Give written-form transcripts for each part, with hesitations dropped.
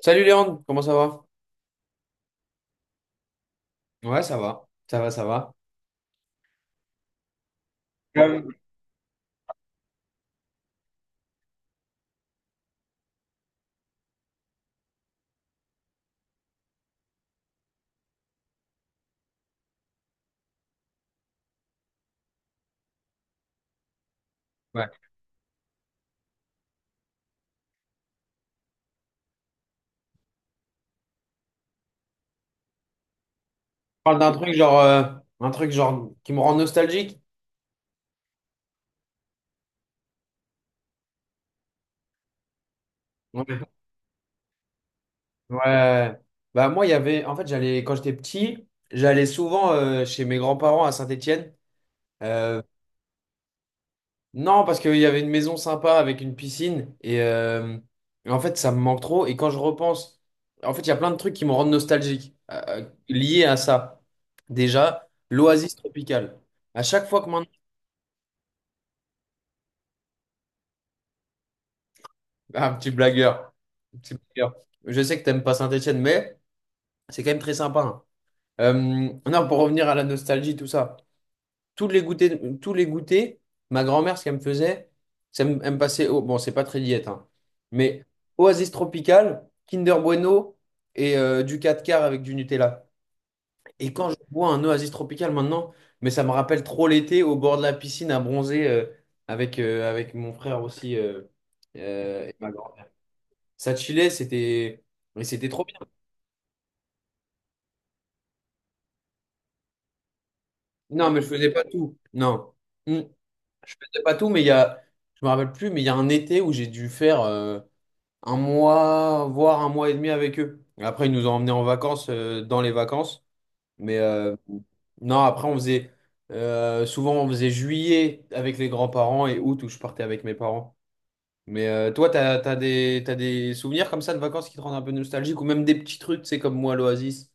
Salut Léandre, comment ça va? Ouais, ça va. Ça va, ça va. Ouais. Je parle d'un truc genre un truc genre qui me rend nostalgique. Ouais. Ouais. Bah moi il y avait en fait j'allais quand j'étais petit, j'allais souvent chez mes grands-parents à Saint-Étienne. Euh, non parce qu'il y avait une maison sympa avec une piscine et en fait ça me manque trop. Et quand je repense, en fait il y a plein de trucs qui me rendent nostalgique, liés à ça. Déjà, l'Oasis Tropicale. À chaque fois que maintenant. Ah, un petit blagueur. Un petit blagueur. Je sais que t'aimes pas Saint-Étienne, mais c'est quand même très sympa, hein. Euh, non, pour revenir à la nostalgie, tout ça. Tous les goûters, ma grand-mère, ce qu'elle me faisait, c'est elle me passait au. Bon, c'est pas très diète, hein, mais Oasis Tropical, Kinder Bueno et du 4 quarts avec du Nutella. Et quand je bois un Oasis Tropical maintenant, mais ça me rappelle trop l'été au bord de la piscine à bronzer, avec mon frère aussi, et ma grand-mère. Ça chillait, c'était. Mais c'était trop bien. Non, mais je faisais pas tout. Non. Hmm. Je faisais pas tout, mais il y a je me rappelle plus, mais il y a un été où j'ai dû faire 1 mois, voire 1 mois et demi avec eux. Après, ils nous ont emmenés en vacances, dans les vacances. Mais non, après on faisait, souvent on faisait juillet avec les grands-parents et août où je partais avec mes parents. Mais toi, t'as des souvenirs comme ça de vacances qui te rendent un peu nostalgique, ou même des petits trucs, tu sais, comme moi, l'Oasis.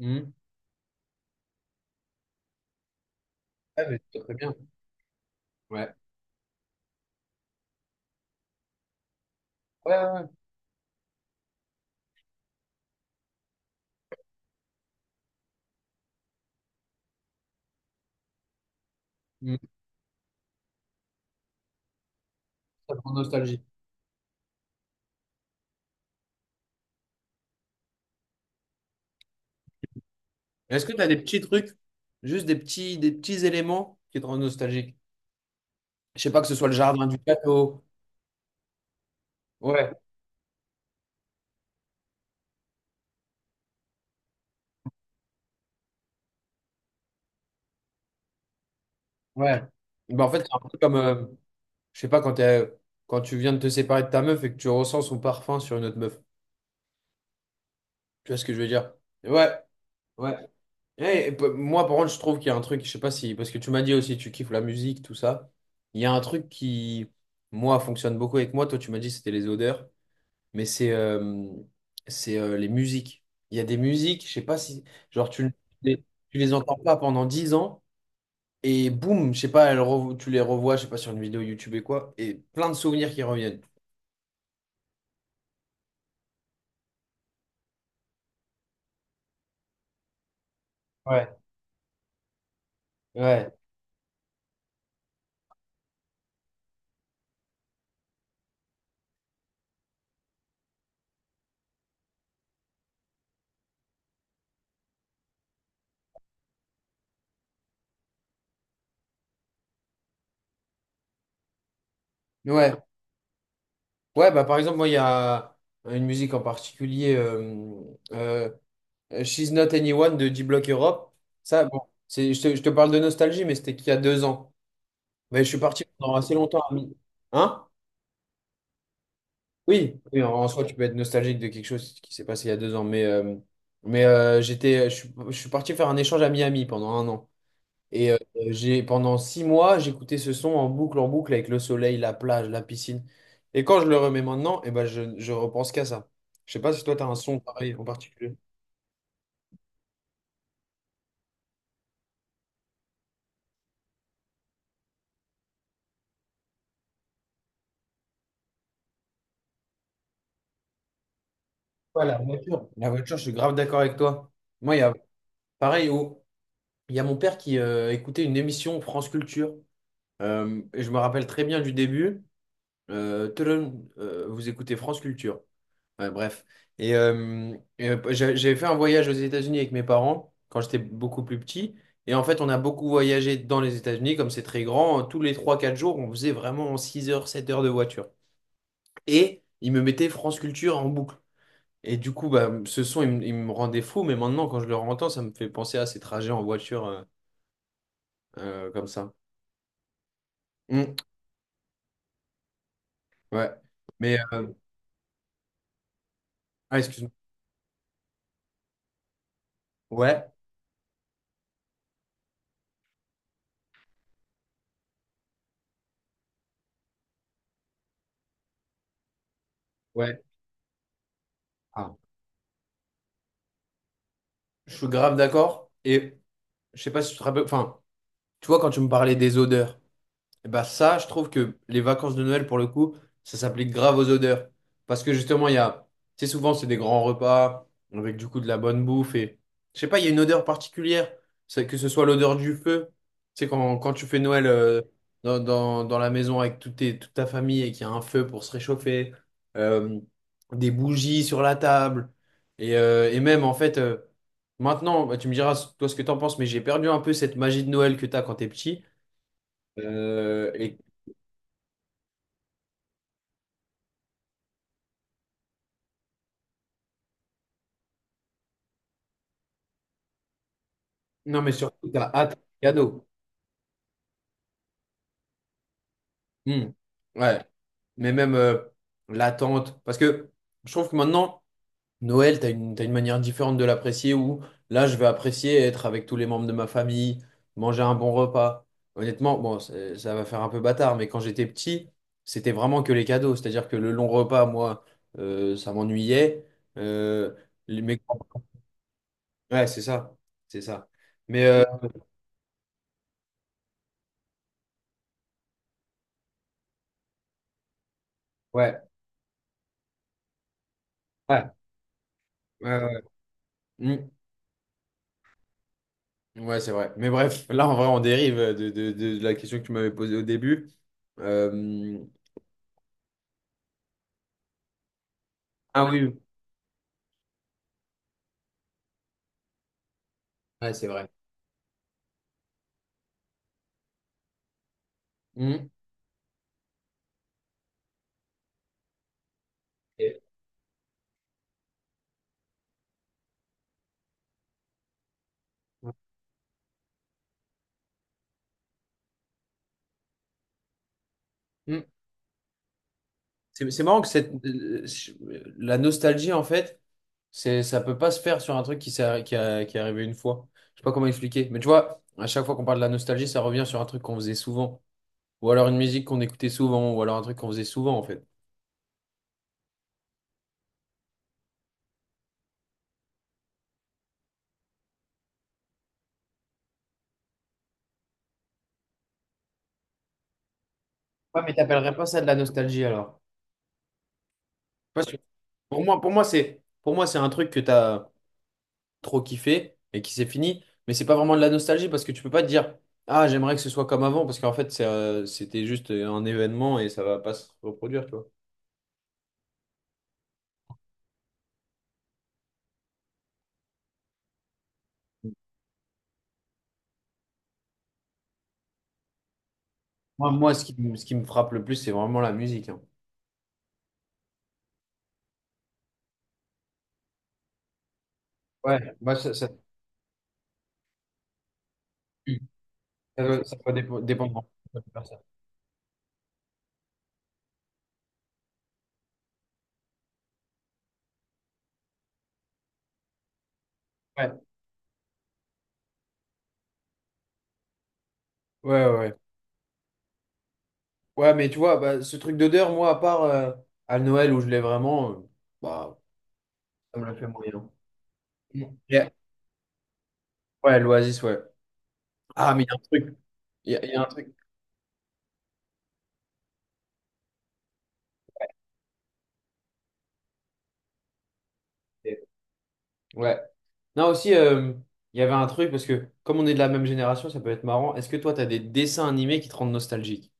Hmm. Ah, mais c'est très bien. Ouais. Ouais, ouais, ouais. Mm. Ça te rend nostalgique. Est-ce que tu as des petits trucs, juste des petits éléments qui te rendent nostalgique? Je sais pas, que ce soit le jardin du château. Ouais, ouais. Ben, en fait, c'est un peu comme, je sais pas, quand tu viens de te séparer de ta meuf et que tu ressens son parfum sur une autre meuf. Tu vois ce que je veux dire? Ouais, ouais. Eh, moi, par contre, je trouve qu'il y a un truc, je sais pas si, parce que tu m'as dit aussi, tu kiffes la musique, tout ça. Il y a un truc qui, moi, fonctionne beaucoup avec moi. Toi, tu m'as dit, c'était les odeurs. Mais c'est les musiques. Il y a des musiques, je sais pas si, genre les, tu les entends pas pendant 10 ans et boum, je sais pas, tu les revois, je sais pas, sur une vidéo YouTube et quoi, et plein de souvenirs qui reviennent. Ouais, ouais, ouais. Ouais, bah par exemple, moi, il y a une musique en particulier, euh, She's Not Anyone de D-Block Europe. Ça, bon, je te parle de nostalgie, mais c'était qu'il y a 2 ans. Mais je suis parti pendant assez longtemps. Hein? Oui, oui, en soi, tu peux être nostalgique de quelque chose qui s'est passé il y a 2 ans, mais j'étais, je suis parti faire un échange à Miami pendant 1 an. Et pendant 6 mois, j'écoutais ce son en boucle, avec le soleil, la plage, la piscine. Et quand je le remets maintenant, eh ben, je repense qu'à ça. Je sais pas si toi, tu as un son pareil en particulier. Ouais, la voiture. La voiture, je suis grave d'accord avec toi. Moi, il y a pareil, il y a mon père qui écoutait une émission France Culture. Et je me rappelle très bien du début. Tudum, vous écoutez France Culture. Ouais, bref. Et j'avais fait un voyage aux États-Unis avec mes parents quand j'étais beaucoup plus petit. Et en fait, on a beaucoup voyagé dans les États-Unis, comme c'est très grand. Tous les 3, 4 jours, on faisait vraiment 6 heures, 7 heures de voiture. Et ils me mettaient France Culture en boucle. Et du coup, bah, ce son, il me rendait fou. Mais maintenant, quand je le entends, ça me fait penser à ces trajets en voiture, comme ça. Mm, ouais. Mais. Ah, excuse-moi. Ouais. Ouais. Ah. Je suis grave d'accord. Et je sais pas si tu te rappelles. Enfin, tu vois, quand tu me parlais des odeurs, et bah ça, je trouve que les vacances de Noël, pour le coup, ça s'applique grave aux odeurs. Parce que justement, il y a, tu sais, souvent, c'est des grands repas, avec du coup de la bonne bouffe. Et je sais pas, il y a une odeur particulière. C'est que ce soit l'odeur du feu. Tu sais, quand tu fais Noël, dans la maison avec toute ta famille et qu'il y a un feu pour se réchauffer, euh, des bougies sur la table. Et même, en fait, maintenant, bah, tu me diras toi ce que t'en penses, mais j'ai perdu un peu cette magie de Noël que t'as quand t'es petit. Euh, et Non, mais surtout, t'as hâte du cadeau. Hmm. Ouais. Mais même, l'attente. Parce que je trouve que maintenant, Noël, t'as une manière différente de l'apprécier, où là, je vais apprécier être avec tous les membres de ma famille, manger un bon repas. Honnêtement, bon, ça va faire un peu bâtard, mais quand j'étais petit, c'était vraiment que les cadeaux. C'est-à-dire que le long repas, moi, ça m'ennuyait. Euh, Mes. Ouais, c'est ça. C'est ça. Mais ouais. Ouais. Ouais, ouais. Ouais. Hmm. Ouais, c'est vrai. Mais bref, là, en vrai, on dérive de la question que tu m'avais posée au début. Euh, Ah oui. Ouais, c'est vrai. Mhm. Et- Mhm. C'est marrant que la nostalgie, en fait, ça peut pas se faire sur un truc qui, s'est- qui, a- qui est arrivé une fois. Je sais pas comment expliquer. Mais tu vois, à chaque fois qu'on parle de la nostalgie, ça revient sur un truc qu'on faisait souvent. Ou alors une musique qu'on écoutait souvent, ou alors un truc qu'on faisait souvent, en fait. Ouais, mais t'appellerais pas ça de la nostalgie alors? Parce que pour moi, pour moi, pour moi, c'est un truc que t'as trop kiffé et qui s'est fini. Mais c'est pas vraiment de la nostalgie parce que tu peux pas te dire, ah, j'aimerais que ce soit comme avant parce qu'en fait, c'était juste un événement et ça va pas se reproduire, tu vois. Moi, moi, ce qui me frappe le plus, c'est vraiment la musique, hein. Ouais, moi, ça doit dépendre. Ouais, ouais, ouais. Ouais, mais tu vois, bah, ce truc d'odeur, moi, à part à Noël où je l'ai vraiment, bah, ça me l'a fait moyen. Mm. Yeah. Ouais, l'Oasis, ouais. Ah, mais il y a un truc. Il y a un truc. Ouais. Non, aussi, il y avait un truc, parce que comme on est de la même génération, ça peut être marrant. Est-ce que toi, t'as des dessins animés qui te rendent nostalgique?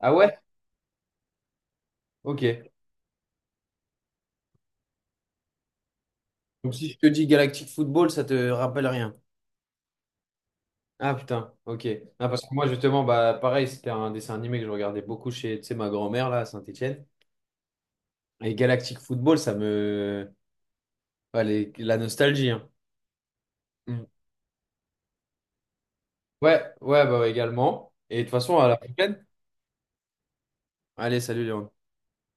Ah ouais? Ok. Donc si je te dis Galactic Football, ça te rappelle rien. Ah putain, ok. Ah, parce que moi, justement, bah, pareil, c'était un dessin animé que je regardais beaucoup chez, tu sais, ma grand-mère, là, à Saint-Étienne. Et Galactic Football, ça me... Ouais, la nostalgie, hein. Mm. Ouais, ouais, bah ouais, également. Et de toute façon, à la prochaine. Allez, salut Léon.